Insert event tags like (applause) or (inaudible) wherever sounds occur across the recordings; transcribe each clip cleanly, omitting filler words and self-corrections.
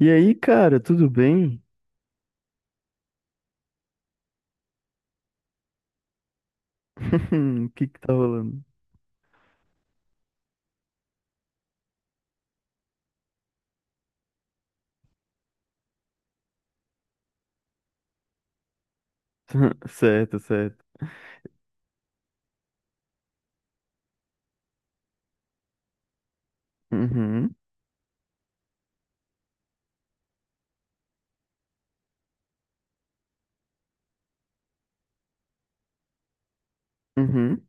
E aí, cara, tudo bem? (laughs) O que que tá rolando? (laughs) Certo, certo. Uhum, uhum,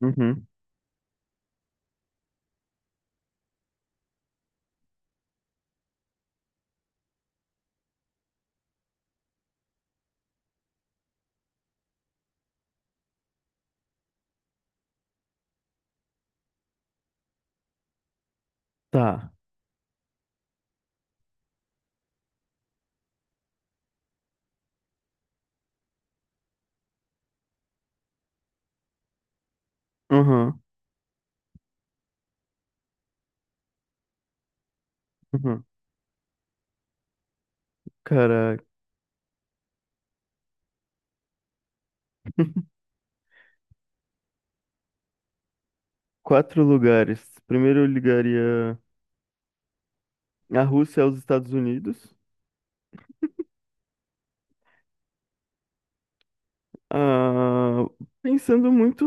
uhum. Tá. Uhum, uhum. Cara, quatro lugares. Primeiro eu ligaria a Rússia aos Estados Unidos. Ah, pensando muito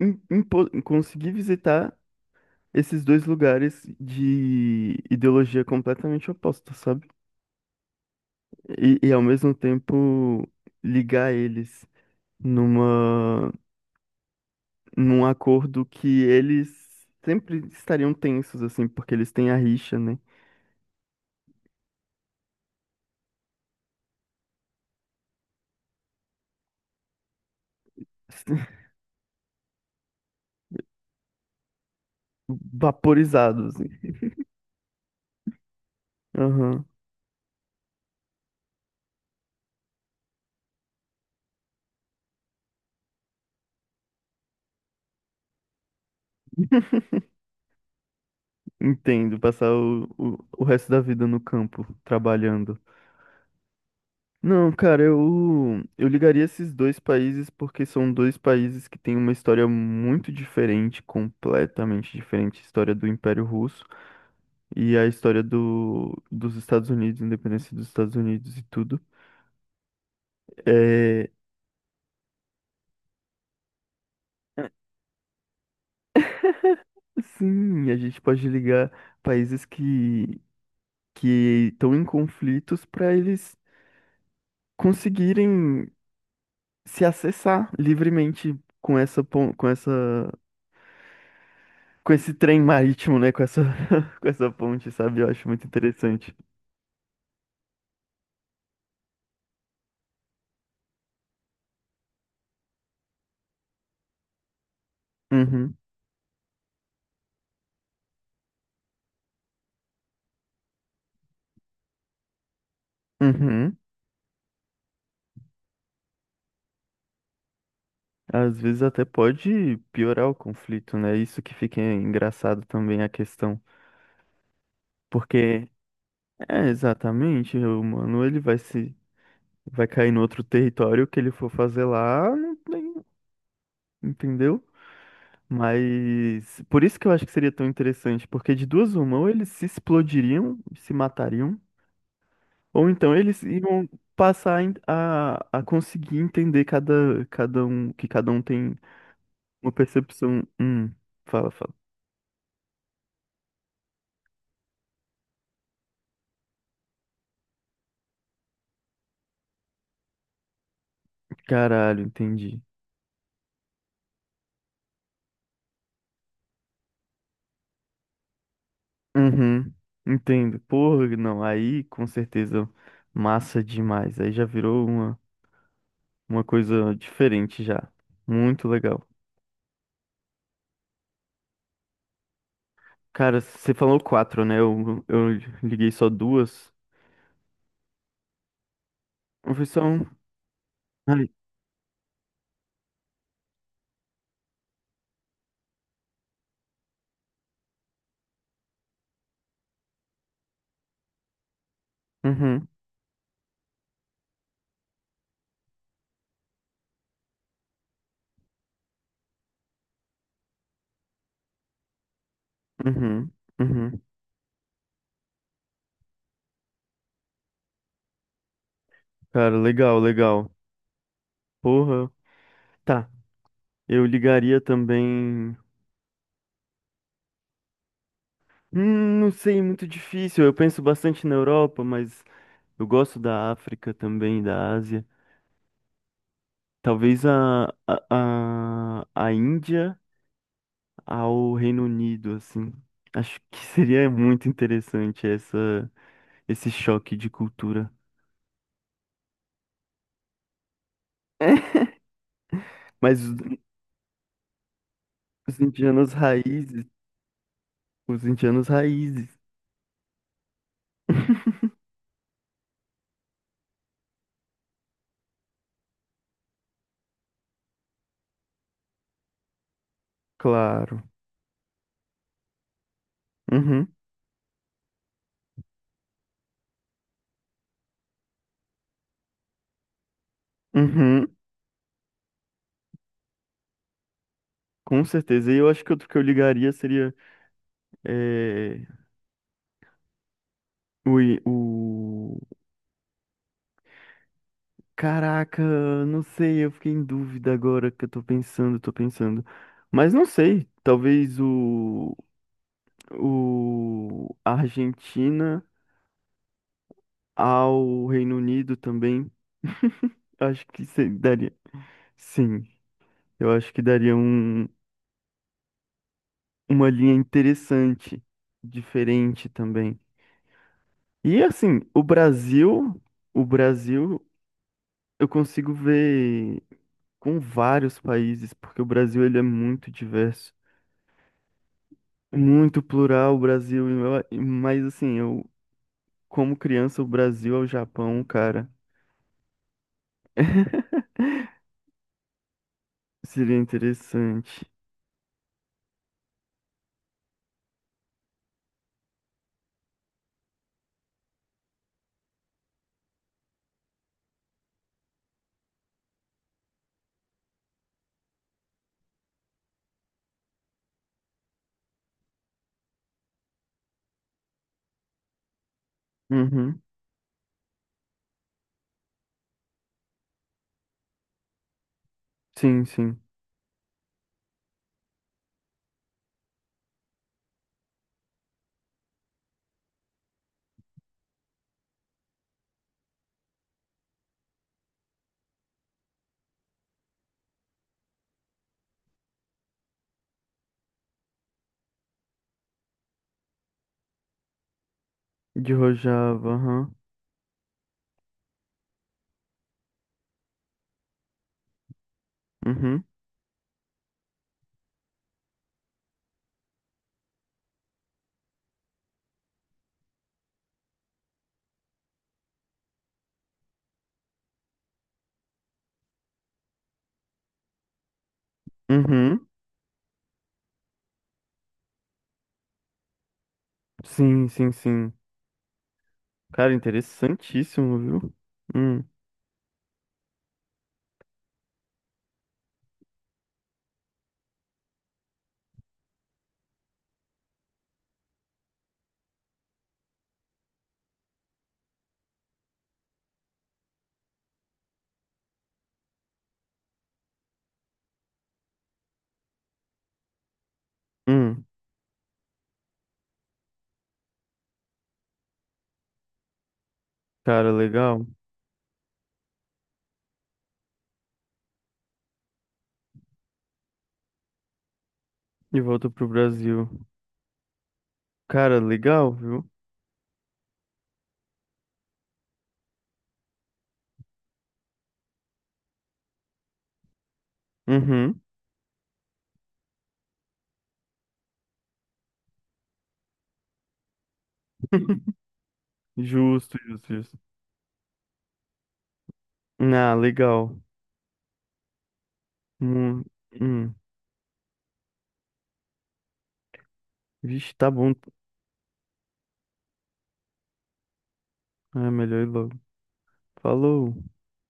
em conseguir visitar esses dois lugares de ideologia completamente oposta, sabe? E ao mesmo tempo ligar eles numa num acordo que eles sempre estariam tensos, assim, porque eles têm a rixa, né? (laughs) Vaporizados, assim. Aham, entendo, passar o resto da vida no campo, trabalhando. Não, cara, eu ligaria esses dois países porque são dois países que têm uma história muito diferente, completamente diferente, a história do Império Russo e a história dos Estados Unidos, independência dos Estados Unidos e tudo. É, sim, a gente pode ligar países que estão em conflitos para eles conseguirem se acessar livremente com essa com essa com esse trem marítimo, né? Com essa (laughs) com essa ponte, sabe? Eu acho muito interessante. Uhum, uhum. Às vezes até pode piorar o conflito, né? Isso que fica engraçado também a questão, porque é exatamente o humano ele vai se vai cair no outro território o que ele for fazer lá, não tem, entendeu? Mas por isso que eu acho que seria tão interessante, porque de duas uma, ou eles se explodiriam, se matariam, ou então eles iam passar a a conseguir entender cada um, que cada um tem uma percepção. Fala, fala. Caralho, entendi. Uhum, entendo. Porra, não, aí com certeza massa demais. Aí já virou uma coisa diferente já. Muito legal. Cara, você falou quatro, né? Eu liguei só duas. Foi profissão. Ai. Uhum, uhum, uhum. Cara, legal, legal. Porra. Tá, eu ligaria também. Não sei, muito difícil. Eu penso bastante na Europa, mas eu gosto da África também, da Ásia. Talvez a Índia ao Reino Unido, assim. Acho que (laughs) seria muito interessante esse choque de cultura. (laughs) Mas os indianos raízes, os indianos raízes, claro. Uhum, uhum, com certeza. E eu acho que outro que eu ligaria seria é, o... Caraca, não sei, eu fiquei em dúvida agora que eu tô pensando, tô pensando. Mas não sei, talvez o Argentina ao Reino Unido também. Acho que daria. Sim, eu acho que daria uma linha interessante, diferente também. E assim, o Brasil, eu consigo ver com vários países, porque o Brasil ele é muito diverso, muito plural o Brasil, e mas assim, eu como criança o Brasil ao Japão, cara, seria interessante. Uhum. Sim, sim. De Rojava, aham. Uhum. Uhum. Sim, sim, sim. Cara, interessantíssimo, viu? Hum, hum. Cara, legal. E volta pro Brasil. Cara, legal, viu? Uhum. Justo, justo, justo. Ah, legal. Hum, hum. Vixe, tá bom. É melhor ir logo. Falou.